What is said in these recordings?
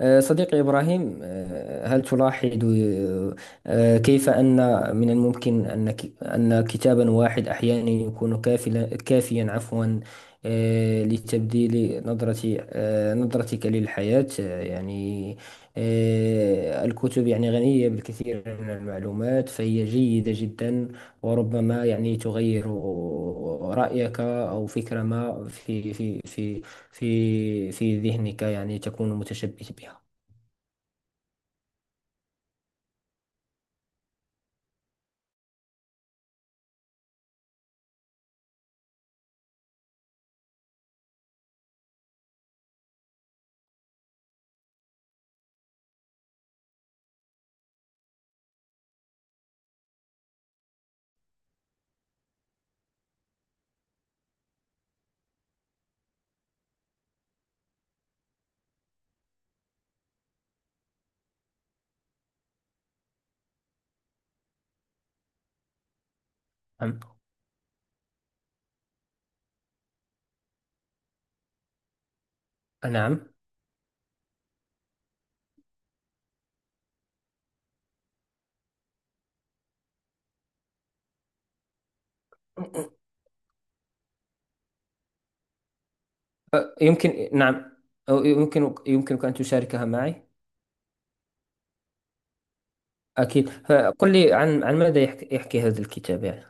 صديقي إبراهيم، هل تلاحظ كيف أن من الممكن أن أن كتابا واحد أحيانا يكون كافيا لتبديل نظرة آه، نظرتك للحياة؟ يعني الكتب يعني غنية بالكثير من المعلومات، فهي جيدة جدا، وربما يعني تغير رأيك أو فكرة ما في في ذهنك يعني تكون متشبث بها. نعم. نعم. أه، يمكن. نعم. أو يمكن يمكنك أن تشاركها معي. أكيد. فقل لي عن ماذا يحكي هذا الكتاب يعني.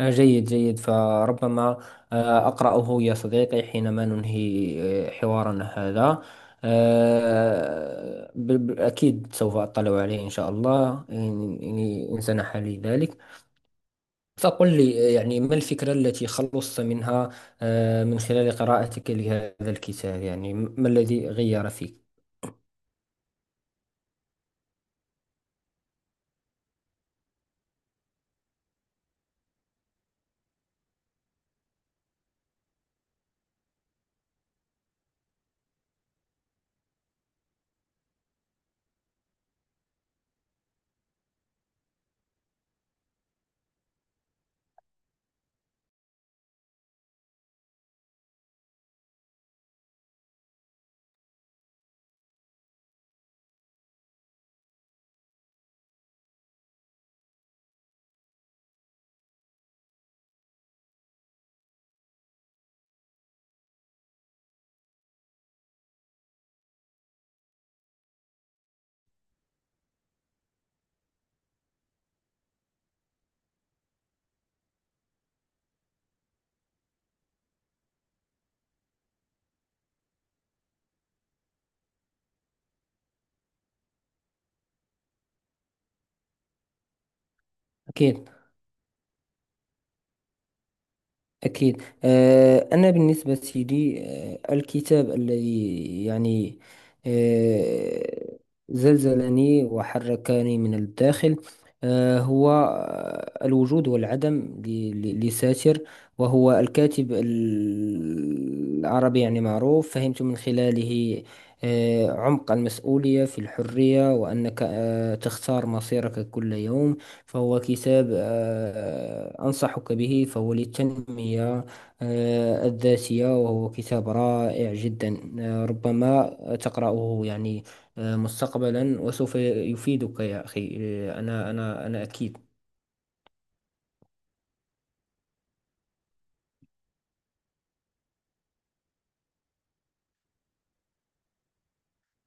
جيد جيد. فربما أقرأه يا صديقي حينما ننهي حوارنا هذا. أكيد سوف أطلع عليه إن شاء الله، إن سنح لي ذلك. فقل لي يعني ما الفكرة التي خلصت منها من خلال قراءتك لهذا الكتاب، يعني ما الذي غير فيك؟ أكيد أكيد. أنا بالنسبة لي، الكتاب الذي يعني آه، زلزلني وحركني من الداخل، آه، هو آه، الوجود والعدم لساتر، وهو الكاتب العربي يعني معروف. فهمت من خلاله عمق المسؤولية في الحرية، وأنك تختار مصيرك كل يوم. فهو كتاب أنصحك به، فهو للتنمية الذاتية، وهو كتاب رائع جدا. ربما تقرأه يعني مستقبلا وسوف يفيدك يا أخي. أنا أكيد.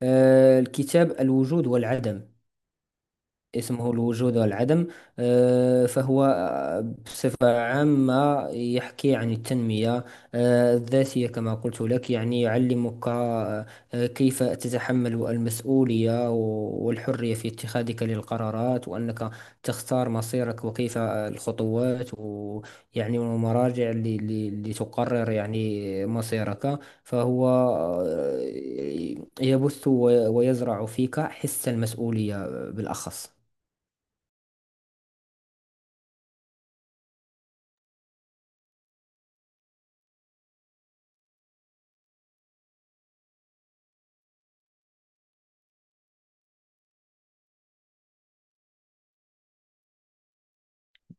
الكتاب الوجود والعدم. اسمه الوجود والعدم. آه، فهو آه، بصفة عامة يحكي عن التنمية الذاتية، كما قلت لك يعني يعلمك كيف تتحمل المسؤولية والحرية في اتخاذك للقرارات، وأنك تختار مصيرك، وكيف الخطوات ويعني والمراجع اللي تقرر يعني مصيرك. فهو يبث ويزرع فيك حس المسؤولية بالأخص.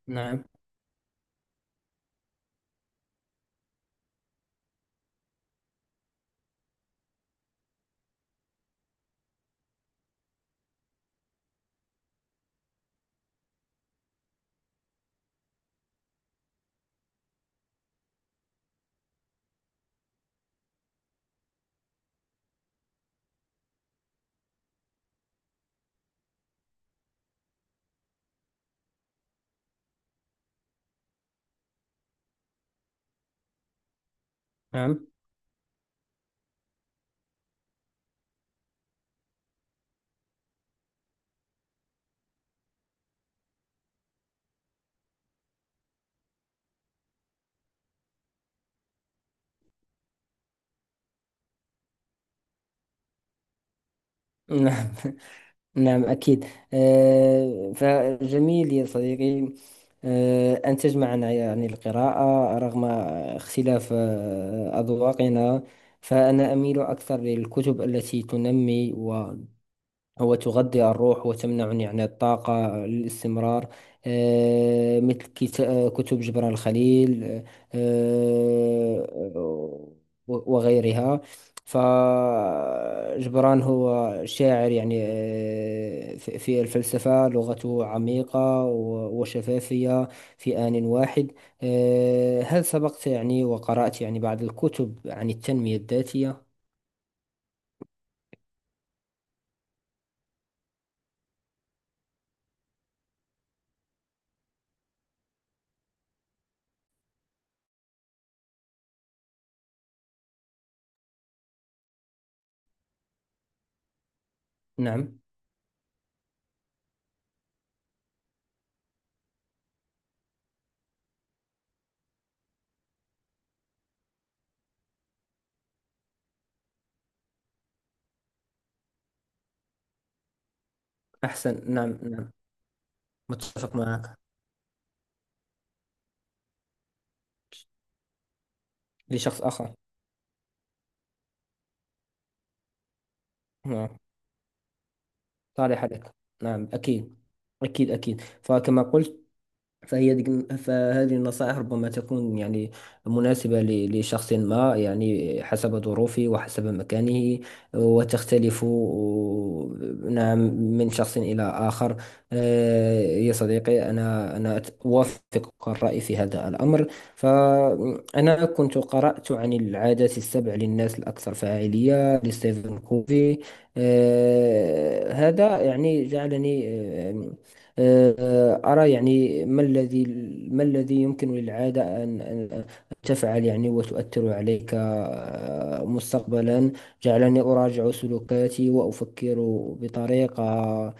نعم. نعم. نعم. نعم أكيد. فجميل يا صديقي أن تجمعنا يعني القراءة رغم اختلاف أذواقنا. فأنا أميل أكثر للكتب التي تنمي، هو تغذي الروح وتمنعني عن الطاقة للاستمرار، مثل كتب جبران الخليل آه، وغيرها. فجبران هو شاعر يعني في الفلسفة، لغته عميقة وشفافية في آن واحد. هل سبقت يعني وقرأت يعني بعض الكتب عن التنمية الذاتية؟ نعم. أحسن. نعم. نعم. متفق معك. لشخص آخر. نعم. صالح لك. نعم أكيد. أكيد أكيد. فكما قلت، فهي ديك، فهذه النصائح ربما تكون يعني مناسبة لشخص ما يعني حسب ظروفه وحسب مكانه، وتختلف. نعم. من شخص إلى آخر. يا صديقي، أنا أوافقك الرأي في هذا الأمر. فأنا كنت قرأت عن العادات السبع للناس الأكثر فاعلية لستيفن كوفي. هذا يعني جعلني آه، أرى يعني ما الذي يمكن للعادة أن تفعل يعني وتؤثر عليك مستقبلا. جعلني أراجع سلوكاتي وأفكر بطريقة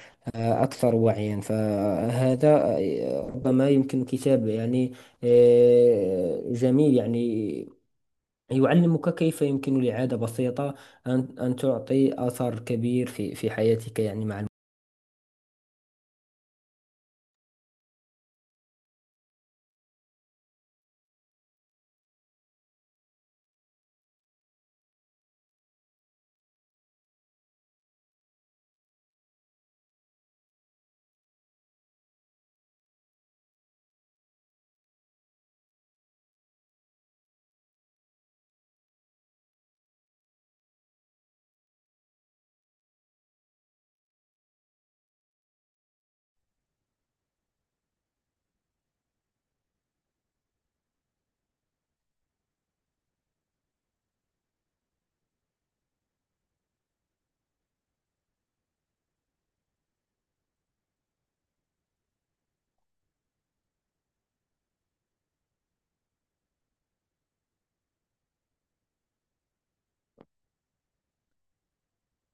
أكثر وعيا. فهذا ربما يمكن كتاب يعني جميل يعني، يعلمك كيف يمكن لعادة بسيطة أن تعطي أثر كبير في حياتك يعني مع الوقت.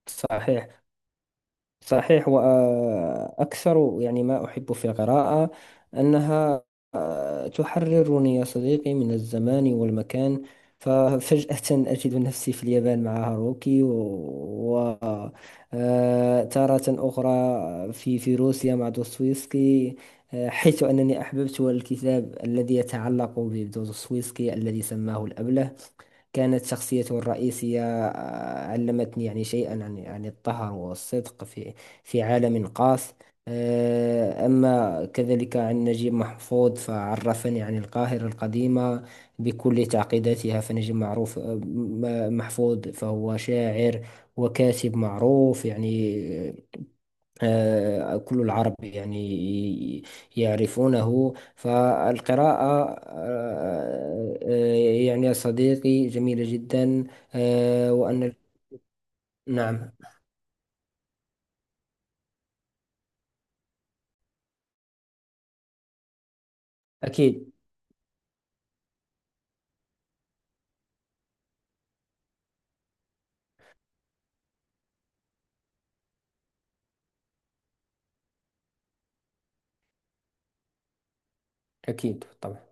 صحيح. صحيح. وأكثر يعني ما أحب في القراءة أنها تحررني يا صديقي من الزمان والمكان. ففجأة أجد نفسي في اليابان مع هاروكي، وتارة أخرى في روسيا مع دوستويفسكي. حيث أنني أحببت الكتاب الذي يتعلق بدوستويفسكي الذي سماه الأبله. كانت شخصيته الرئيسية علمتني يعني شيئا عن الطهر والصدق في عالم قاس. أما كذلك عن نجيب محفوظ، فعرفني عن القاهرة القديمة بكل تعقيداتها. فنجيب محفوظ فهو شاعر وكاتب معروف يعني، كل العرب يعني يعرفونه. فالقراءة يعني يا صديقي جميلة جدا وأن. نعم أكيد. أكيد طبعا.